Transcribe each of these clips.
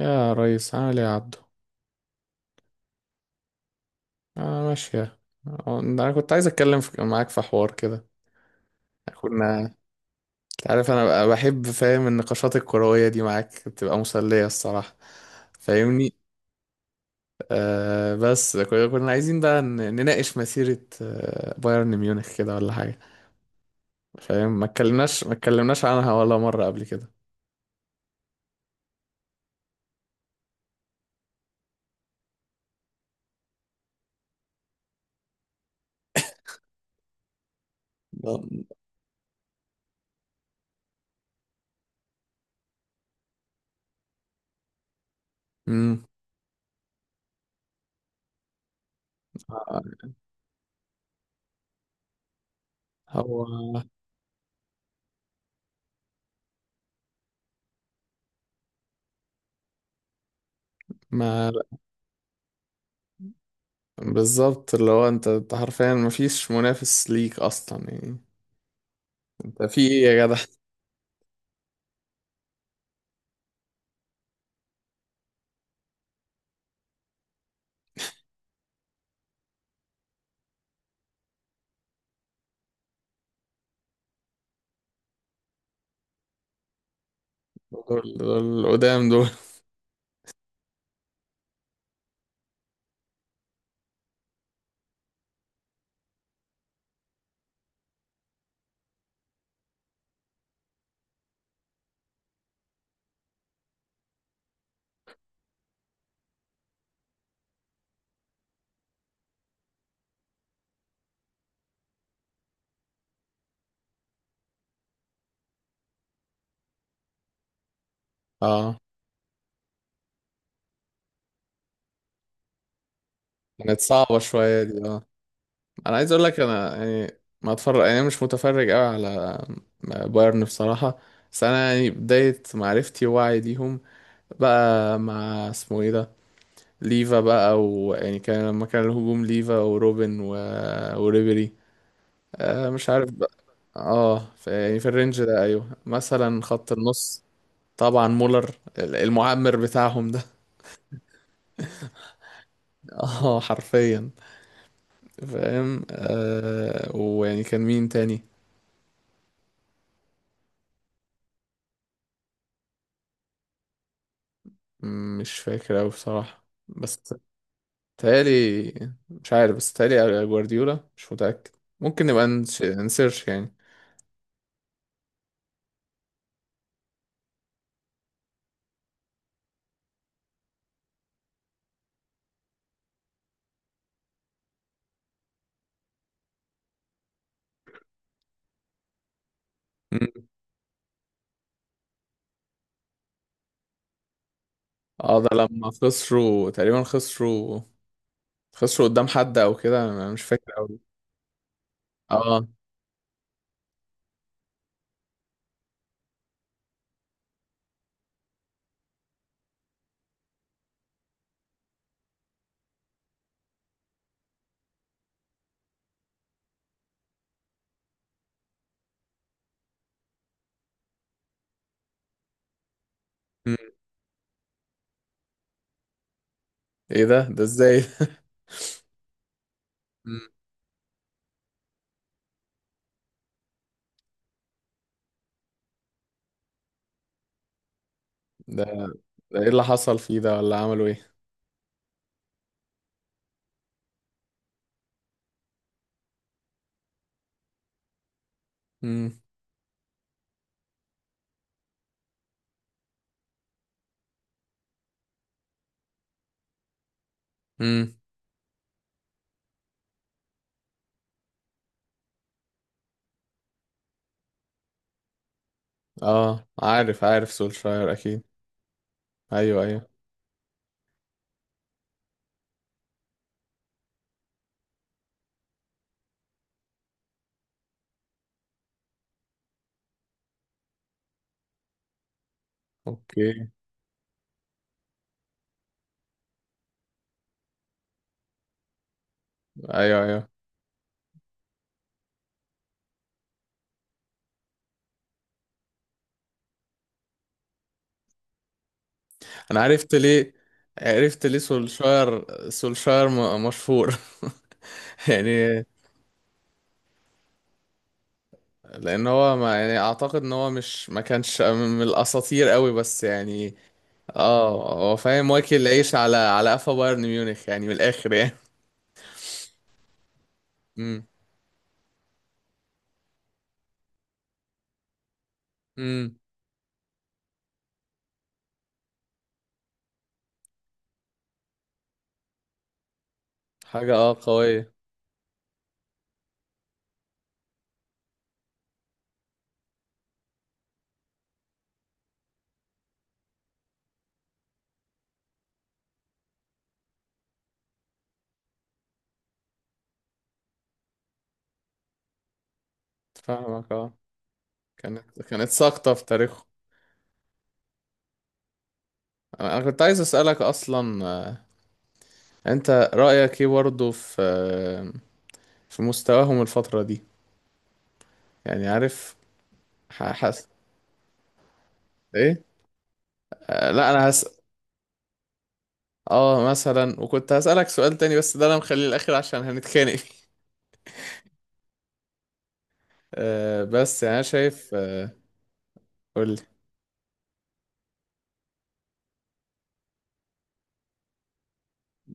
يا ريس، عامل ايه يا عبدو؟ اه، ماشية. انا كنت عايز اتكلم معاك في حوار كده. كنا. انت عارف انا بقى بحب، فاهم، النقاشات الكروية دي معاك بتبقى مسلية الصراحة. فاهمني؟ بس كنا عايزين بقى نناقش مسيرة بايرن ميونخ كده ولا حاجة. فاهم؟ ما اتكلمناش عنها ولا مرة قبل كده. لا. امم. هو. ما. بالظبط، اللي هو انت حرفيا مفيش منافس ليك اصلا يعني. ده في ايه يا جدع؟ دول القدام دول. اه. كانت صعبة شوية دي، اه. انا عايز اقول لك، انا يعني ما اتفرج، يعني انا مش متفرج قوي على بايرن بصراحة. بس انا يعني بداية معرفتي ووعي ليهم بقى مع اسمه ايه ده، ليفا بقى، ويعني كان لما كان الهجوم ليفا وروبن وريبيري. مش عارف بقى. اه، في يعني في الرينج ده، ايوه مثلا خط النص. طبعا مولر، المعمر بتاعهم ده. اه، حرفيا. فاهم، ويعني كان مين تاني؟ مش فاكر أوي بصراحة، بس تالي. مش عارف، بس تالي جوارديولا مش متأكد. ممكن نبقى نسيرش يعني. مم. اه، ده لما خسروا، تقريبا خسروا. خسروا قدام حد او كده، انا مش فاكر أوي. اه. مم. ايه ده ده ازاي؟ مم. ده ده ايه اللي حصل فيه ده، ولا عملوا ايه؟ امم. امم. اه، عارف عارف سولشاير اكيد. ايوه، ايوه. اوكي. ايوه، ايوه. انا عرفت ليه. عرفت ليه سولشاير. سولشاير مشهور يعني. لان هو، ما يعني، اعتقد ان هو مش، ما كانش من الاساطير قوي، بس يعني. اه، هو فاهم، واكل العيش على قفا بايرن ميونخ يعني، من الاخر يعني. امم. امم. حاجه قويه. فاهمك، اه. كانت ساقطه في تاريخه. انا كنت عايز اسالك اصلا انت رايك ايه برضه في في مستواهم الفتره دي؟ يعني عارف، حاسس. ايه؟ لا انا هسأل. اه مثلا، وكنت هسألك سؤال تاني، بس ده انا مخليه الاخر عشان هنتخانق فيه. بس يعني انا شايف قول.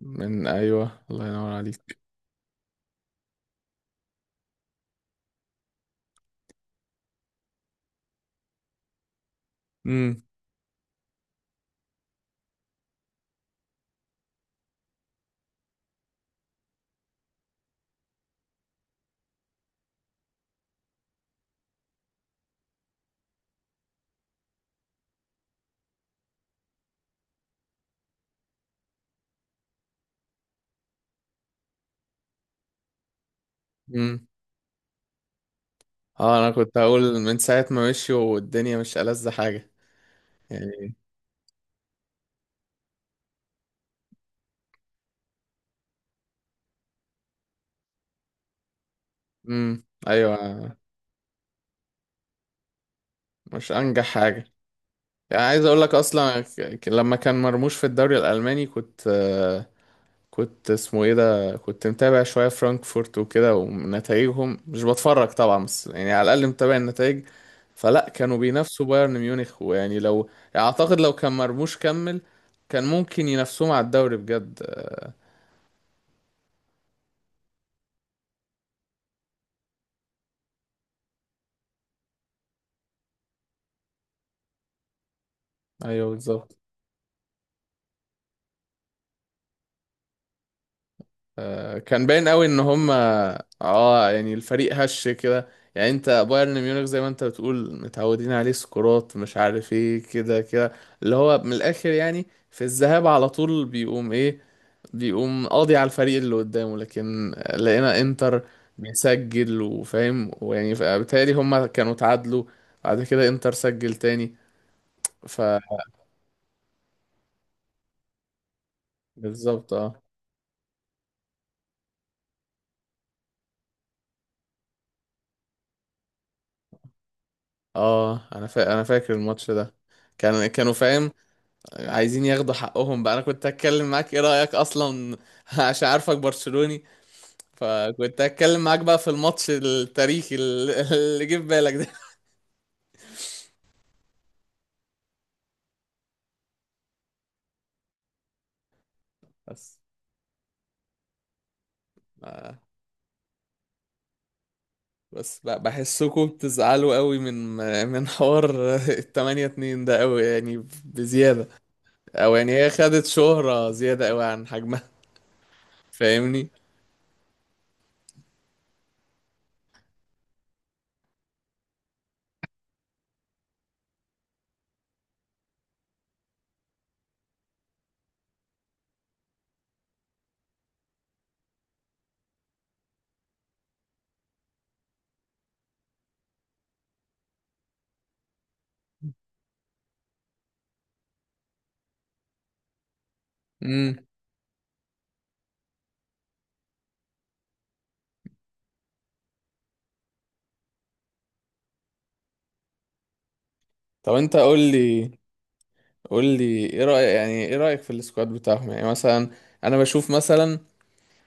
من، ايوه، الله ينور عليك. امم. امم. اه، انا كنت هقول من ساعة ما مشي والدنيا مش ألذ حاجة، يعني. امم، ايوه، مش انجح حاجة. يعني عايز اقول لك اصلا، لما كان مرموش في الدوري الالماني كنت كنت، اسمه ايه ده، كنت متابع شوية فرانكفورت وكده، ونتائجهم، مش بتفرج طبعا، بس يعني على الأقل متابع النتائج. فلا كانوا بينافسوا بايرن ميونخ، ويعني لو، يعني أعتقد لو كان مرموش كمل، كان ممكن ينافسوهم على الدوري بجد. ايوه بالظبط. كان باين قوي ان هم، اه، يعني الفريق هش كده. يعني انت بايرن ميونخ زي ما انت بتقول، متعودين عليه سكورات، مش عارف ايه، كده كده، اللي هو من الاخر يعني، في الذهاب على طول بيقوم ايه، بيقوم قاضي على الفريق اللي قدامه، لكن لقينا انتر بيسجل، وفاهم، ويعني بالتالي هما كانوا تعادلوا، بعد كده انتر سجل تاني، ف... بالظبط، اه. اه، انا فاكر الماتش ده. كان كانوا، فاهم، عايزين ياخدوا حقهم بقى. انا كنت هتكلم معاك ايه رأيك اصلا عشان عارفك برشلوني. فكنت هتكلم معاك بقى في الماتش التاريخي، اللي اللي جه في بالك ده. بس آه. بس بحسكم بتزعلوا قوي من حوار 8-2 ده قوي، يعني بزيادة، او يعني هي خدت شهرة زيادة قوي عن حجمها. فاهمني. امم. طب انت قول لي، قول لي ايه رأيك، يعني ايه رأيك في السكواد بتاعهم، يعني مثلا. انا بشوف مثلا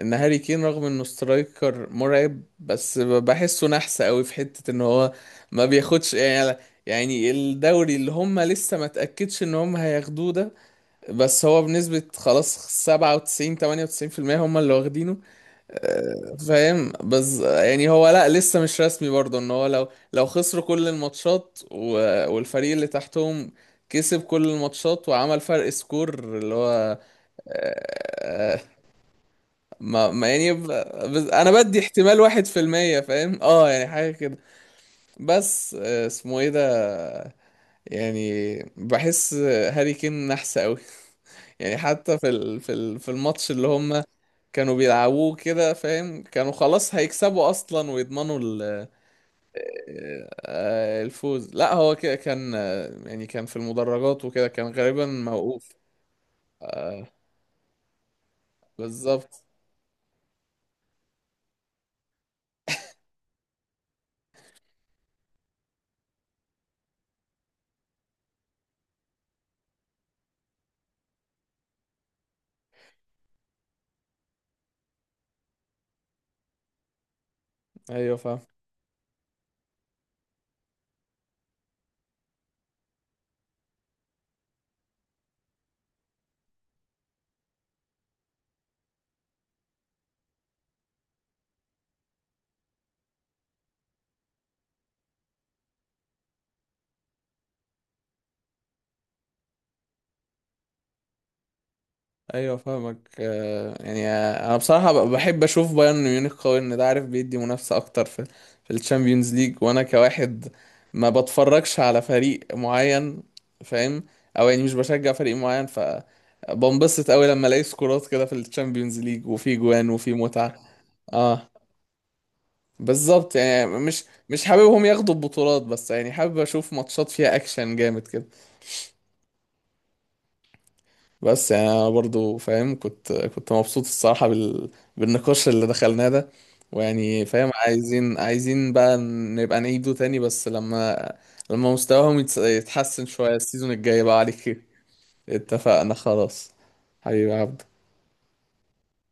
ان هاري كين، رغم انه سترايكر مرعب، بس بحسه نحس قوي في حتة ان هو ما بياخدش، يعني. يعني الدوري اللي هم لسه ما تأكدش ان هم هياخدوه ده، بس هو بنسبة، خلاص، 97، 98%، هما اللي واخدينه. فاهم، بس يعني هو لا، لسه مش رسمي برضه، ان هو لو، لو خسروا كل الماتشات والفريق اللي تحتهم كسب كل الماتشات وعمل فرق سكور اللي هو آه، ما يعني بس انا بدي احتمال 1%، فاهم، اه، يعني حاجة كده. بس اسمه ايه ده، يعني بحس هاري كين نحس قوي. يعني حتى في الماتش اللي هم كانوا بيلعبوه كده، فاهم، كانوا خلاص هيكسبوا اصلا ويضمنوا ال... آه، الفوز. لا، هو كده كان، يعني كان في المدرجات وكده، كان غالبا موقوف. بالظبط. ايوه فاهم. ايوه فاهمك، يعني انا بصراحه بحب اشوف بايرن ميونخ قوي، ان ده، عارف، بيدي منافسه اكتر في الشامبيونز ليج، وانا كواحد ما بتفرجش على فريق معين، فاهم، او يعني مش بشجع فريق معين، ف... بنبسط قوي لما الاقي سكورات كده في الشامبيونز ليج، وفي جوان، وفي متعه. اه بالظبط، يعني مش حاببهم ياخدوا البطولات، بس يعني حابب اشوف ماتشات فيها اكشن جامد كده. بس يعني انا برضو فاهم، كنت مبسوط الصراحة بالنقاش اللي دخلناه ده، ويعني فاهم، عايزين بقى نبقى نعيده تاني، بس لما مستواهم يتحسن شوية السيزون الجاي بقى عليك. اتفقنا، خلاص. حبيبي عبد.